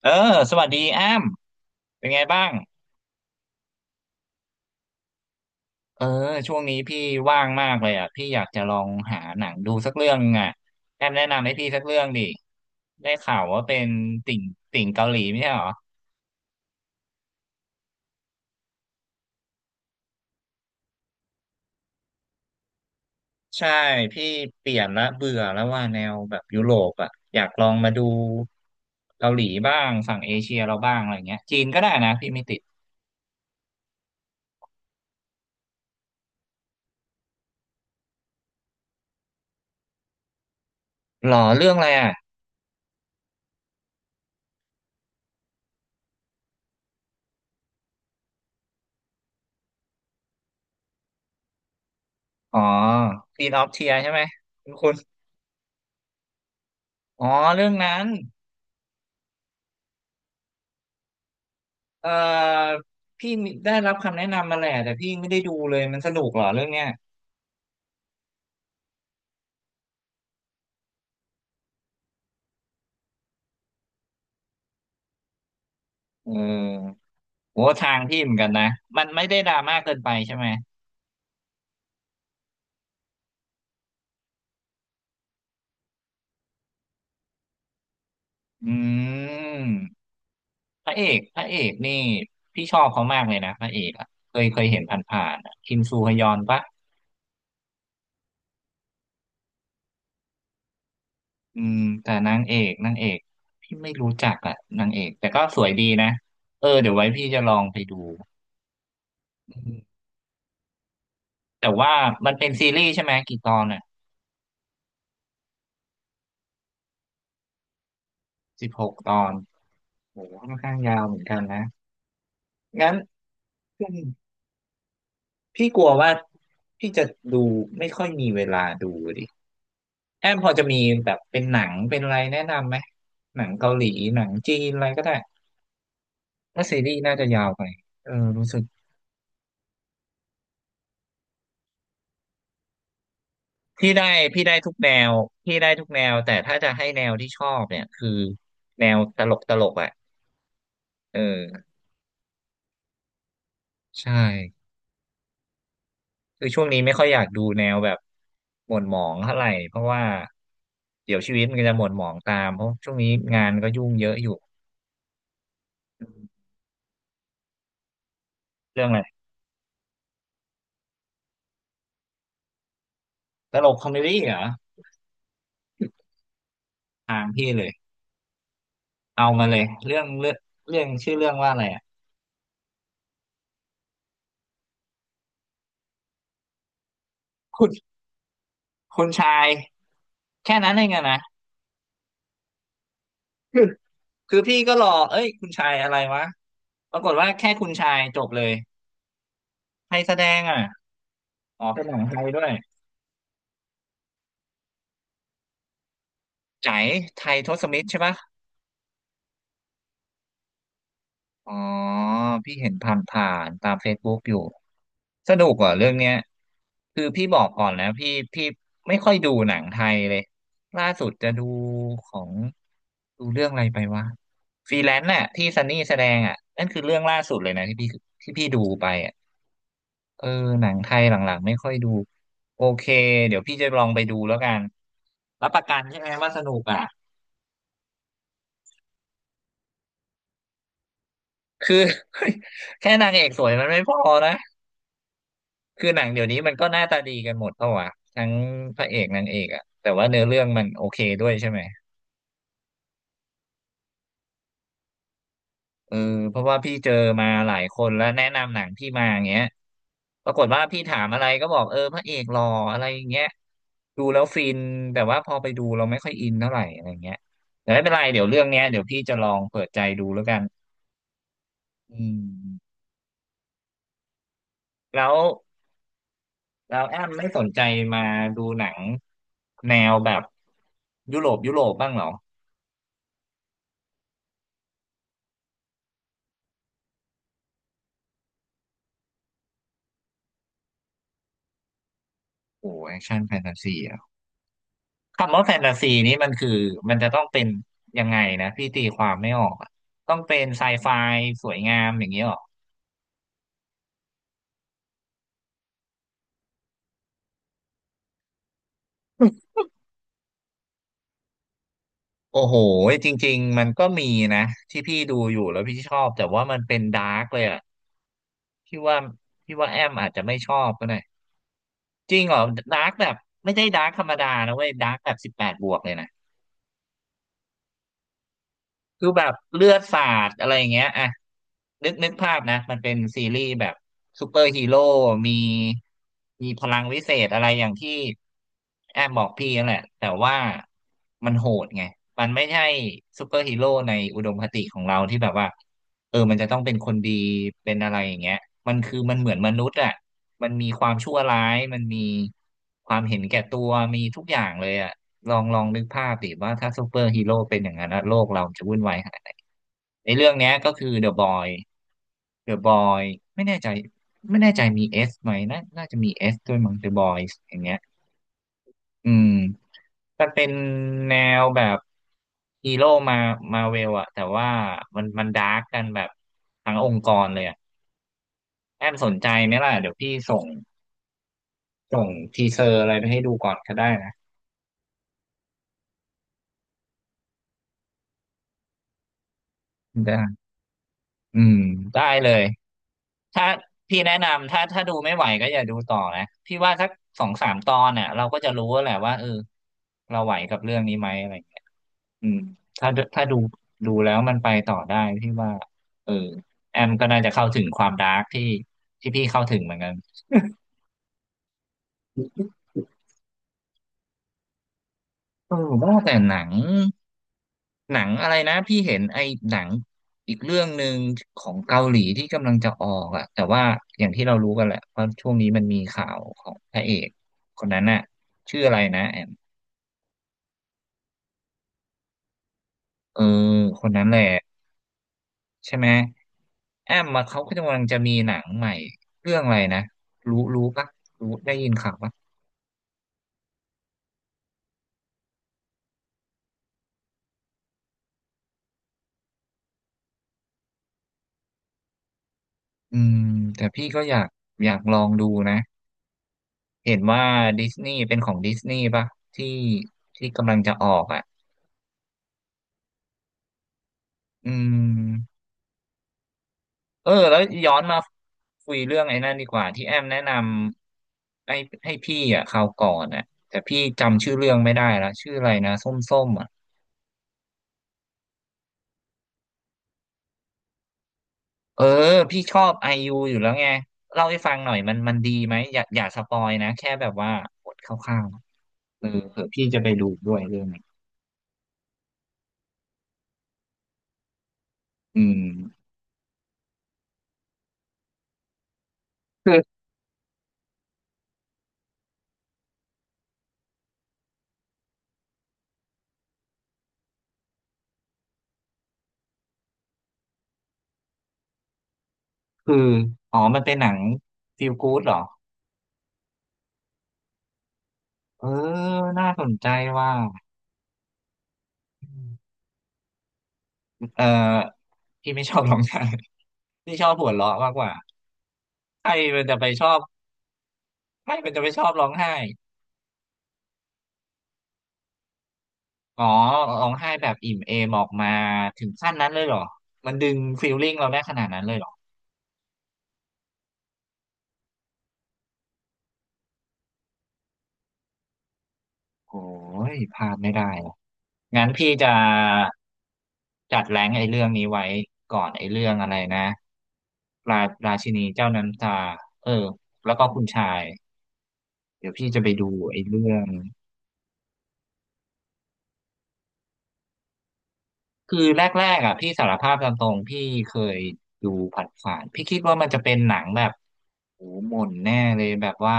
เออสวัสดีแอมเป็นไงบ้างเออช่วงนี้พี่ว่างมากเลยอ่ะพี่อยากจะลองหาหนังดูสักเรื่องอ่ะแอมแนะนำให้พี่สักเรื่องดิได้ข่าวว่าเป็นติ่งติ่งเกาหลีไม่ใช่เหรอใช่พี่เปลี่ยนละเบื่อแล้วว่าแนวแบบยุโรปอ่ะอยากลองมาดูเกาหลีบ้างฝั่งเอเชียเราบ้างอะไรเงี้ยจีนก็ได้นะพี่ไม่ติดหรอเรื่องอะไรอ่ะอ๋อ Queen of Tears ใช่ไหมคุณอ๋อเรื่องนั้น เอ่อพี่ได้รับคำแนะนำมาแหละแต่พี่ไม่ได้ดูเลยมันสนุกเหรอเรื่องเนี้ยเออโหทางพี่เหมือนกันนะมันไม่ได้ดราม่าเกินไปใช่ไหมอืมพระเอกนี่พี่ชอบเขามากเลยนะพระเอกอะเคยเห็นผ่านๆอะคิมซูฮยอนปะอืมแต่นางเอกพี่ไม่รู้จักอะนางเอกแต่ก็สวยดีนะเดี๋ยวไว้พี่จะลองไปดูอืมแต่ว่ามันเป็นซีรีส์ใช่ไหมกี่ตอนอะ16 ตอนโหค่อนข้างยาวเหมือนกันนะ งั้นพี่กลัวว่าพี่จะดูไม่ค่อยมีเวลาดูดิแอมพอจะมีแบบเป็นหนังเป็นอะไรแนะนำไหมหนังเกาหลีหนังจีนอะไรก็ได้ถ้าซีรีส์น่าจะยาวไปเออรู้สึกพี่ได้พี่ได้ทุกแนวพี่ได้ทุกแนวแต่ถ้าจะให้แนวที่ชอบเนี่ยคือแนวตลกอ่ะเออใช่คือช่วงนี้ไม่ค่อยอยากดูแนวแบบหม่นหมองเท่าไหร่เพราะว่าเดี๋ยวชีวิตมันก็จะหม่นหมองตามเพราะช่วงนี้งานก็ยุ่งเยอะอยู่อืมเรื่องอะไร ตลกคอมเมดี้เหรอถามพี่เลยเอามาเลยเรื่องเรื่องชื่อเรื่องว่าอะไรอ่ะคุณคุณชายแค่นั้นเองอะนะคือคือพี่ก็รอเอ้ยคุณชายอะไรวะปรากฏว่าแค่คุณชายจบเลยใครแสดงอ่ะอ๋อเป็นหนังไทยด้วยใจายไทยทศมิตรใช่ปะ อ๋อพี่เห็นผ่านๆตาม Facebook อยู่สนุกเหรอ่ะเรื่องเนี้ยคือพี่บอกก่อนนะพี่ไม่ค่อยดูหนังไทยเลยล่าสุดจะดูของดูเรื่องอะไรไปวะฟรีแลนซ์น่ะที่ซันนี่แสดงอ่ะนั่นคือเรื่องล่าสุดเลยนะที่พี่ดูไปอ่ะเออหนังไทยหลังๆไม่ค่อยดูโอเคเดี๋ยวพี่จะลองไปดูแล้วกันรับประกันใช่ไหมว่าสนุกอ่ะคือ แค่นางเอกสวยมันไม่พอนะ คือหนังเดี๋ยวนี้มันก็หน้าตาดีกันหมดเปล่าะวะทั้งพระเอกนางเอกอะแต่ว่าเนื้อเรื่องมันโอเคด้วยใช่ไหมเออเพราะว่าพี่เจอมาหลายคนแล้วแนะนำหนังพี่มาอย่างเงี้ยปรากฏว่าพี่ถามอะไรก็บอกเออพระเอกหล่ออะไรอย่างเงี้ยดูแล้วฟินแต่ว่าพอไปดูเราไม่ค่อยอินเท่าไหร่อะไรเงี้ยแต่ไม่เป็นไรเดี๋ยวเรื่องเนี้ยเดี๋ยวพี่จะลองเปิดใจดูแล้วกันอืมแล้วแล้วแอมไม่สนใจมาดูหนังแนวแบบยุโรปบ้างเหรอโอ้แอคชั่นแฟนตาซี คำว่าแฟนตาซีนี่มันคือมันจะต้องเป็นยังไงนะพี่ตีความไม่ออกอะต้องเป็นไซไฟสวยงามอย่างนี้หรอโอ้โหจริงๆมันก็มีนะที่พี่ดูอยู่แล้วพี่ชอบแต่ว่ามันเป็นดาร์กเลยอะพี่ว่าพี่ว่าแอมอาจจะไม่ชอบก็ได้จริงเหรอดาร์กแบบไม่ใช่ดาร์กธรรมดานะเว้ยดาร์กแบบ18+เลยนะ คือแบบเลือดสาดอะไรอย่างเงี้ยอ่ะนึกภาพนะมันเป็นซีรีส์แบบซูเปอร์ฮีโร่มีมีพลังวิเศษอะไรอย่างที่แอมบอกพี่นั่นแหละแต่ว่ามันโหดไงมันไม่ใช่ซูเปอร์ฮีโร่ในอุดมคติของเราที่แบบว่าเออมันจะต้องเป็นคนดีเป็นอะไรอย่างเงี้ยมันคือมันเหมือนมนุษย์อ่ะมันมีความชั่วร้ายมันมีความเห็นแก่ตัวมีทุกอย่างเลยอ่ะ ลองนึกภาพดิว่าถ้าซูเปอร์ฮีโร่เป็นอย่างนั้นนะโลกเราจะวุ่นวายขนาดไหนในเรื่องเนี้ยก็คือเดอะบอยเดอะบอยไม่แน่ใจไม่แน่ใจมีเอสไหมน่าจะมีเอสด้วยมั้งเดอะบอยอย่างเงี้ยอืมมันเป็นแนวแบบฮีโร่มาเวลอะแต่ว่ามันดาร์กกันแบบทั้งองค์กรเลยอะแอมสนใจไหมล่ะเดี๋ยวพี่ส่งทีเซอร์อะไรไปให้ดูก่อนก็ได้นะได้อืมได้เลย ถ้าพี่แนะนำถ้าดูไม่ไหวก็อย่าดูต่อนะพี่ว่าสักสองสามตอนเนี่ยเราก็จะรู้แวแหละว่าเออเราไหวกับเรื่องนี้ไหมอะไรอย่างเงี้ยอืมถ้าถ้าดูแล้วมันไปต่อได้พี่ว่าเออแอมก็น่าจะเข้าถึงความดาร์กที่ที่พี่เข้าถึงเหมือนกันเออว่าแต่หนังอะไรนะพี่เห็นไอ้หนังอีกเรื่องหนึ่งของเกาหลีที่กำลังจะออกอะแต่ว่าอย่างที่เรารู้กันแหละว่าช่วงนี้มันมีข่าวของพระเอกคนนั้นน่ะชื่ออะไรนะแอม เออคนนั้นแหละใช่ไหมแอมมาเขาก็กำลังจะมีหนังใหม่เรื่องอะไรนะรู้ปะรู้ได้ยินข่าวปะอืมแต่พี่ก็อยากลองดูนะเห็นว่าดิสนีย์เป็นของดิสนีย์ปะที่ที่กำลังจะออกอ่ะอืมเออแล้วย้อนมาคุยเรื่องไอ้นั่นดีกว่าที่แอมแนะนำให้พี่อ่ะคราวก่อนอ่ะแต่พี่จำชื่อเรื่องไม่ได้แล้วชื่ออะไรนะส้มๆอ่ะ เออพี่ชอบไอยูอยู่แล้วไงเล่าให้ฟังหน่อยมันดีไหมอย่าสปอยนะแค่แบบว่าบทคร่าวๆนะเออเผื่อพี่จะไปดูด้วยเรื่องนี้อืมคือคืออ๋อมันเป็นหนังฟีลกู๊ดเหรอเออน่าสนใจว่าเออพี่ไม่ชอบร้องไห้พี่ชอบหัวเราะมากกว่าใครมันจะไปชอบใครมันจะไปชอบร้องไห้อ๋อร้องไห้แบบอิ่มเอมออกมาถึงขั้นนั้นเลยเหรอมันดึงฟีลลิ่งเราได้ขนาดนั้นเลยเหรอ โอ้ยพลาดไม่ได้อะงั้นพี่จะจัดแรงค์ไอ้เรื่องนี้ไว้ก่อนไอ้เรื่องอะไรนะราชินีเจ้าน้ำตาเออแล้วก็คุณชายเดี๋ยวพี่จะไปดูไอ้เรื่องคือแรกๆอ่ะพี่สารภาพตามตรงพี่เคยดูผ่านๆพี่คิดว่ามันจะเป็นหนังแบบโอ้โหหม่นแน่เลยแบบว่า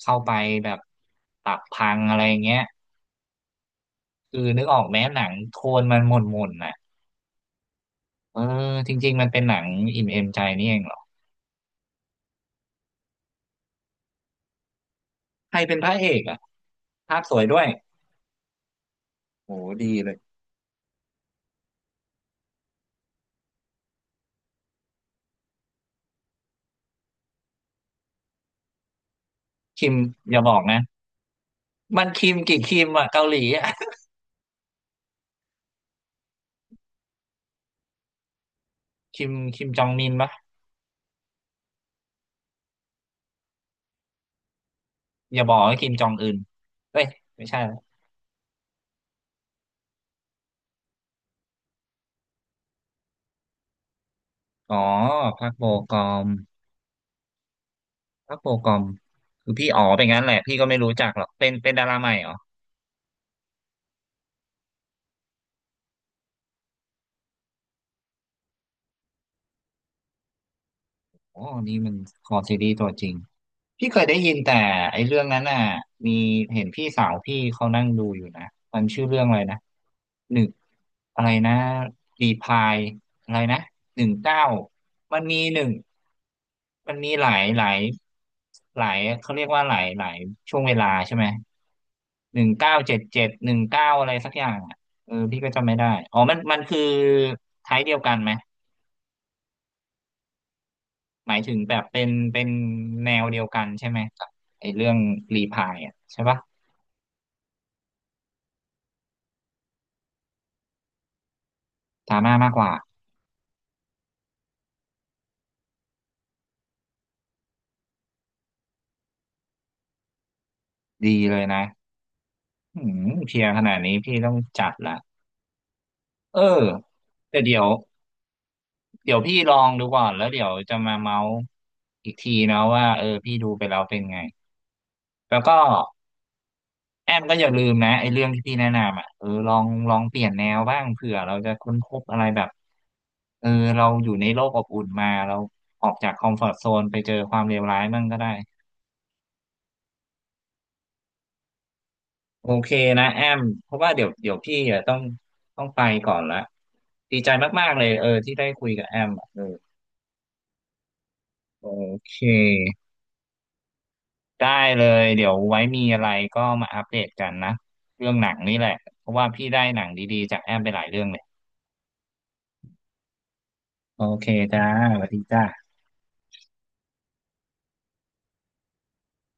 เข้าไปแบบตับพังอะไรเงี้ยคือนึกออกแม้หนังโทนมันหม่นๆน่ะ เออจริงๆมันเป็นหนังอิ่มเอมใจนี่เองเหรอใครเป็นพระเอกอ่ะภาพสวยด้วยโหดีเลยคิมอย่าบอกนะมันคิมกี่คิมอ่ะเกาหลีอ่ะคิมคิมจองมินปะอย่าบอกว่าคิมจองอึนเฮ้ยไม่ใช่ละอ๋อพักโบกอมพักโบกอมคือพี่อ๋อเป็นงั้นแหละพี่ก็ไม่รู้จักหรอกเป็นดาราใหม่เหรอ โอ้นี่มันคอซีรีส์ตัวจริงพี่เคยได้ยินแต่ไอ้เรื่องนั้นน่ะมีเห็นพี่สาวพี่เขานั่งดูอยู่นะมันชื่อเรื่องอะไรนะหนึ่งอะไรนะรีพายอะไรนะหนึ่งเก้ามันมีหนึ่งมันมีหลายหลายหลายเขาเรียกว่าหลายหลายช่วงเวลาใช่ไหม1977หนึ่งเก้าอะไรสักอย่างอ่ะเออพี่ก็จำไม่ได้อ๋อมันมันคือไทยเดียวกันไหม หมายถึงแบบเป็นแนวเดียวกันใช่ไหมกับไอ้เรื่องรีพายอ่ะใช่ปะดราม่ามากกว่าดีเลยนะอืมเพียร์ขนาดนี้พี่ต้องจัดละเออแต่เดี๋ยวพี่ลองดูก่อนแล้วเดี๋ยวจะมาเมาส์อีกทีนะว่าเออพี่ดูไปแล้วเป็นไงแล้วก็แอมก็อย่าลืมนะไอ้เรื่องที่พี่แนะนำอ่ะเออลองเปลี่ยนแนวบ้างเผื่อเราจะค้นพบอะไรแบบเออเราอยู่ในโลกอบอุ่นมาเราออกจากคอมฟอร์ z โซนไปเจอความเลวร้ายมั่งก็ได้ โอเคนะแอมเพราะว่าเดี๋ยวพี่อะต้องไปก่อนละดีใจมากๆเลยเออที่ได้คุยกับแอมอะเออโอเคได้เลยเดี๋ยวไว้มีอะไรก็มาอัปเดตกันนะเรื่องหนังนี่แหละ เพราะว่าพี่ได้หนังดีๆจากแอมไปหลายเรื่องเลยโอเคจ้าสวัสดีจ้า